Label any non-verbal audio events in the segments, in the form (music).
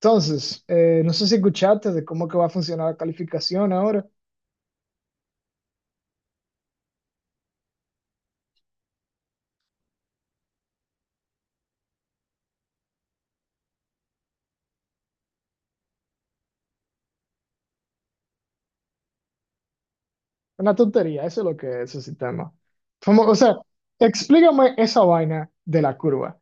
Entonces, no sé si escuchaste de cómo que va a funcionar la calificación ahora. Una tontería, eso es lo que es ese sistema. Como, o sea, explícame esa vaina de la curva.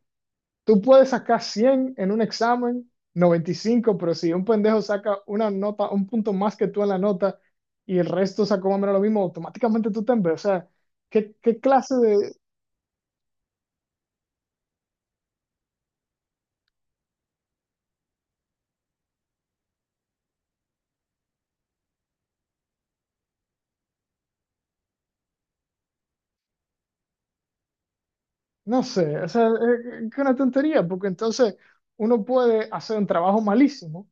Tú puedes sacar 100 en un examen, 95, pero si un pendejo saca una nota, un punto más que tú en la nota y el resto sacó más o menos lo mismo, automáticamente tú te ves. O sea, ¿qué, qué clase de...? No sé, o sea, es una tontería, porque entonces uno puede hacer un trabajo malísimo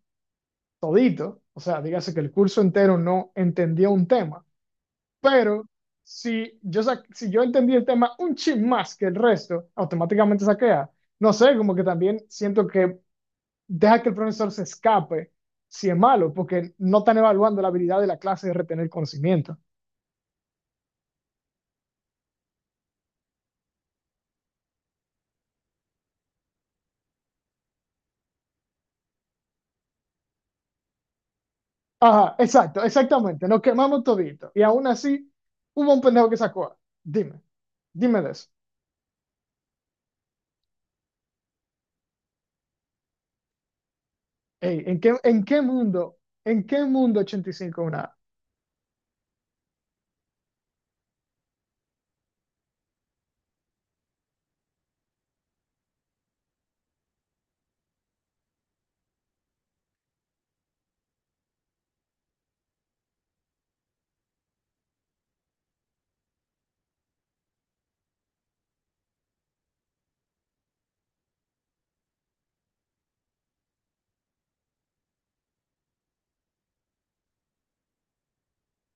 todito, o sea, dígase que el curso entero no entendió un tema, pero si yo, si yo entendí el tema un chin más que el resto, automáticamente saqué A. No sé, como que también siento que deja que el profesor se escape si es malo, porque no están evaluando la habilidad de la clase de retener conocimiento. Ajá, exacto, exactamente, nos quemamos todito. Y aún así, hubo un pendejo que sacó A. Dime, dime de eso. Ey, en qué mundo 85 es una A?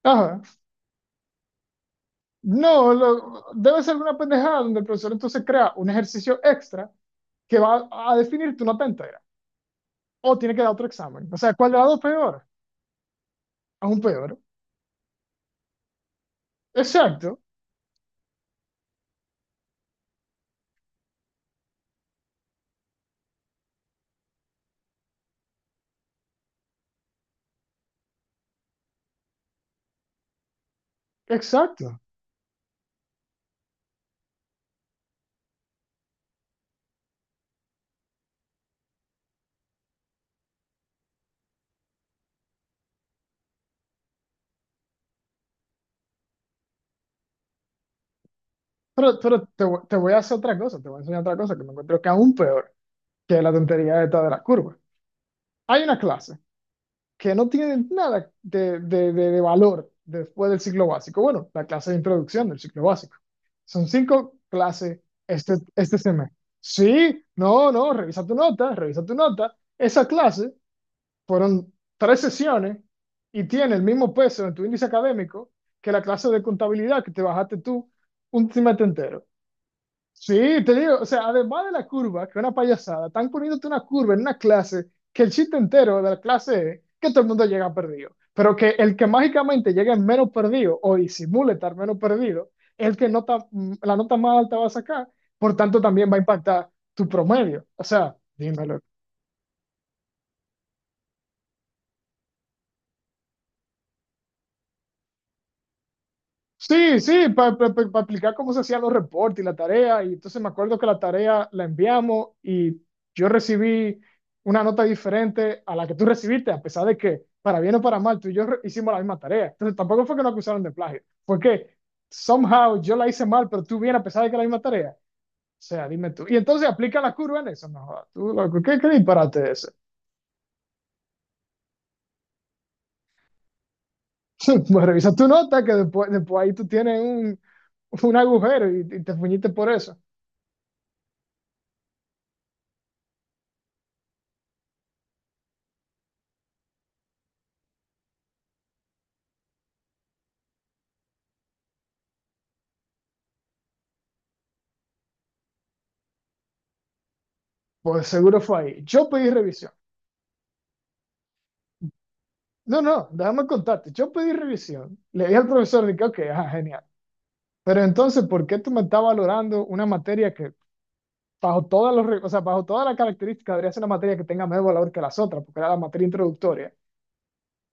Ajá. No, debe ser una pendejada donde el profesor entonces crea un ejercicio extra que va a definirte una pentagra. O tiene que dar otro examen. O sea, ¿cuál de las dos peor? Aún peor. Exacto, exacto. Pero, te voy a hacer otra cosa, te voy a enseñar otra cosa que me encuentro que aún peor que la tontería esta de la curva. Hay una clase que no tienen nada de, de valor después del ciclo básico. Bueno, la clase de introducción del ciclo básico. Son cinco clases este semestre. Sí, no, no, revisa tu nota, revisa tu nota. Esa clase fueron tres sesiones y tiene el mismo peso en tu índice académico que la clase de contabilidad que te bajaste tú un semestre entero. Sí, te digo, o sea, además de la curva, que es una payasada, están poniéndote una curva en una clase que el chiste entero de la clase es que todo el mundo llega perdido, pero que el que mágicamente llegue menos perdido o disimule estar menos perdido, el que nota, la nota más alta va a sacar, por tanto también va a impactar tu promedio. O sea, dímelo. Sí, sí, para explicar cómo se hacían los reportes y la tarea. Y entonces me acuerdo que la tarea la enviamos y yo recibí una nota diferente a la que tú recibiste, a pesar de que, para bien o para mal, tú y yo hicimos la misma tarea. Entonces tampoco fue que nos acusaron de plagio, fue que somehow yo la hice mal, pero tú bien, a pesar de que era la misma tarea. O sea, dime tú. Y entonces aplica la curva en eso. No, jodas, tú, loco, ¿qué, qué disparate es ese? (laughs) Pues revisa tu nota, que después, después ahí tú tienes un agujero y te fuñiste por eso. Pues seguro fue ahí. Yo pedí revisión. No, no, déjame contarte. Yo pedí revisión. Le dije al profesor, dije, ok, ajá, genial. Pero entonces, ¿por qué tú me estás valorando una materia que bajo todas los, o sea, bajo todas las características debería ser una materia que tenga menos valor que las otras, porque era la materia introductoria?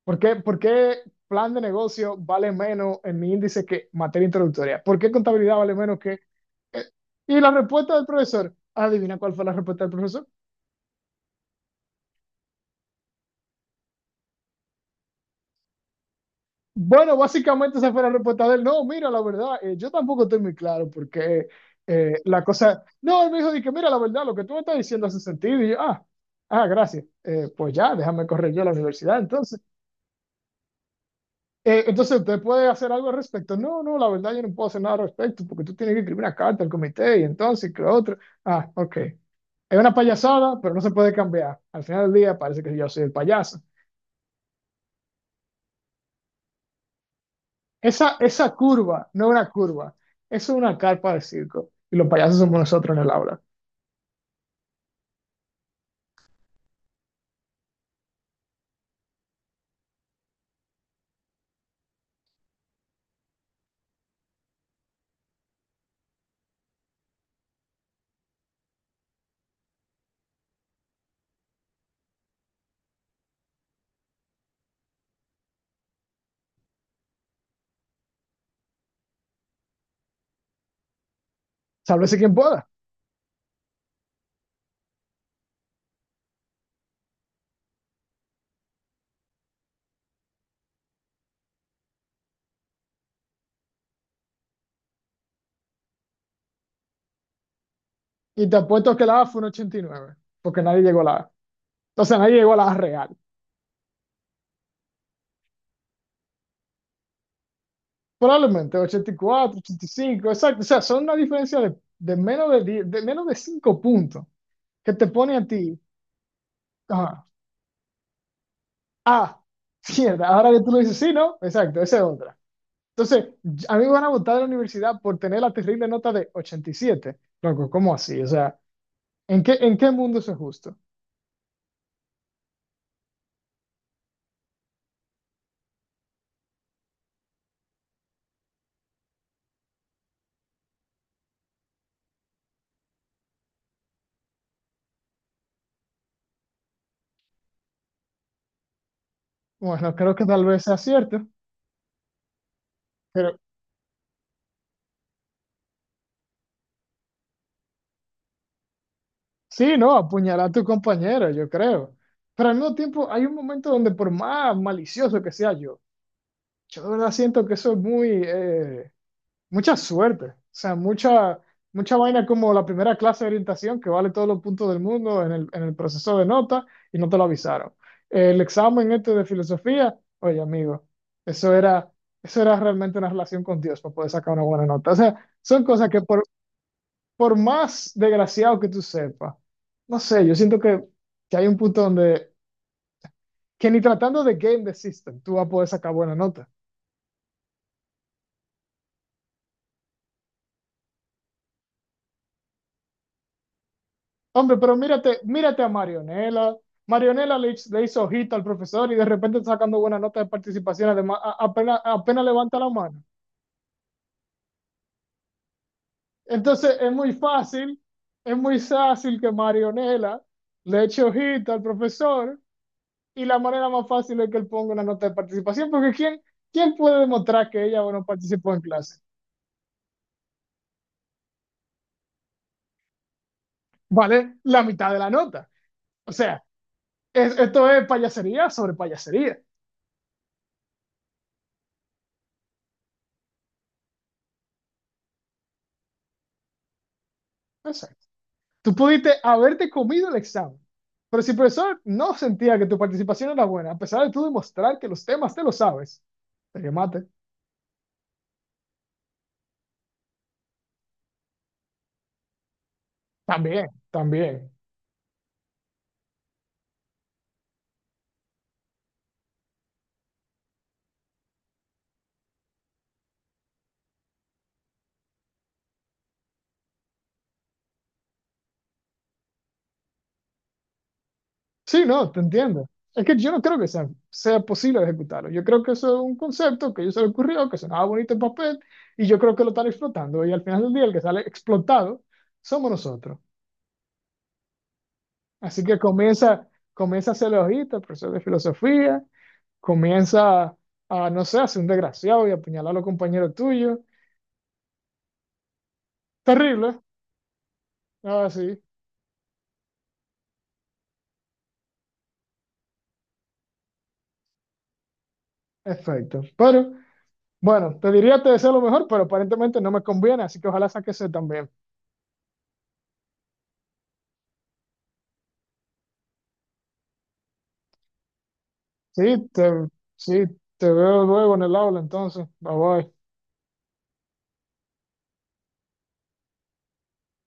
Por qué plan de negocio vale menos en mi índice que materia introductoria? ¿Por qué contabilidad vale menos que... eh? Y la respuesta del profesor, adivina cuál fue la respuesta del profesor. Bueno, básicamente esa fue la respuesta de él. No, mira, la verdad, yo tampoco estoy muy claro porque la cosa... No, él me dijo, dije, mira, la verdad, lo que tú me estás diciendo hace sentido. Y yo, ah, ah, gracias. Pues ya, déjame correr yo a la universidad. Entonces, entonces, ¿usted puede hacer algo al respecto? No, no, la verdad, yo no puedo hacer nada al respecto porque tú tienes que escribir una carta al comité y entonces, que lo otro. Ah, ok. Es una payasada, pero no se puede cambiar. Al final del día parece que yo soy el payaso. Esa curva no es una curva, eso es una carpa de circo. Y los payasos somos nosotros en el aula. Sálvese quien pueda. Y te apuesto que la A fue un 89 porque nadie llegó a la A. O sea, nadie llegó a la A real. Probablemente ochenta ochenta y cuatro ochenta y cinco exacto. O sea, son una diferencia de menos de 10 de menos de 5 puntos que te pone a ti. Ajá, ah, mierda. Ahora que tú lo dices, sí, ¿no? Exacto, esa es otra. Entonces, a mí me van a votar de la universidad por tener la terrible nota de 87. Loco, ¿cómo así? O sea, ¿en qué, en qué mundo eso es justo? Bueno, creo que tal vez sea cierto, pero sí, no, apuñalar a tu compañero, yo creo. Pero al mismo tiempo, hay un momento donde por más malicioso que sea yo, yo de verdad siento que eso es muy, mucha suerte. O sea, mucha, mucha vaina como la primera clase de orientación que vale todos los puntos del mundo en el proceso de nota y no te lo avisaron. El examen este de filosofía, oye, amigo, eso era, eso era realmente una relación con Dios para poder sacar una buena nota. O sea, son cosas que por más desgraciado que tú sepas, no sé, yo siento que hay un punto donde, que ni tratando de game the system, tú vas a poder sacar buena nota. Hombre, pero mírate, mírate a Marionela. Marionela le, le hizo ojito al profesor y de repente está sacando buena nota de participación, además, apenas, apenas levanta la mano. Entonces es muy fácil que Marionela le eche ojito al profesor y la manera más fácil es que él ponga una nota de participación, porque ¿quién, quién puede demostrar que ella bueno participó en clase? Vale la mitad de la nota. O sea, esto es payasería sobre payasería. Exacto. Tú pudiste haberte comido el examen, pero si el profesor no sentía que tu participación era buena, a pesar de tú demostrar que los temas te los sabes, te quemaste. También, también. Sí, no, te entiendo. Es que yo no creo que sea posible ejecutarlo. Yo creo que eso es un concepto que a ellos se le ocurrió, que sonaba bonito en papel, y yo creo que lo están explotando. Y al final del día, el que sale explotado somos nosotros. Así que comienza, comienza a ser logista, profesor de filosofía, comienza a, no sé, a ser un desgraciado y a apuñalar a los compañeros tuyos. Terrible. Ah, sí, perfecto. Pero, bueno, te diría te deseo lo mejor, pero aparentemente no me conviene, así que ojalá saques ese también. Sí, te, sí, te veo luego en el aula entonces. Bye bye.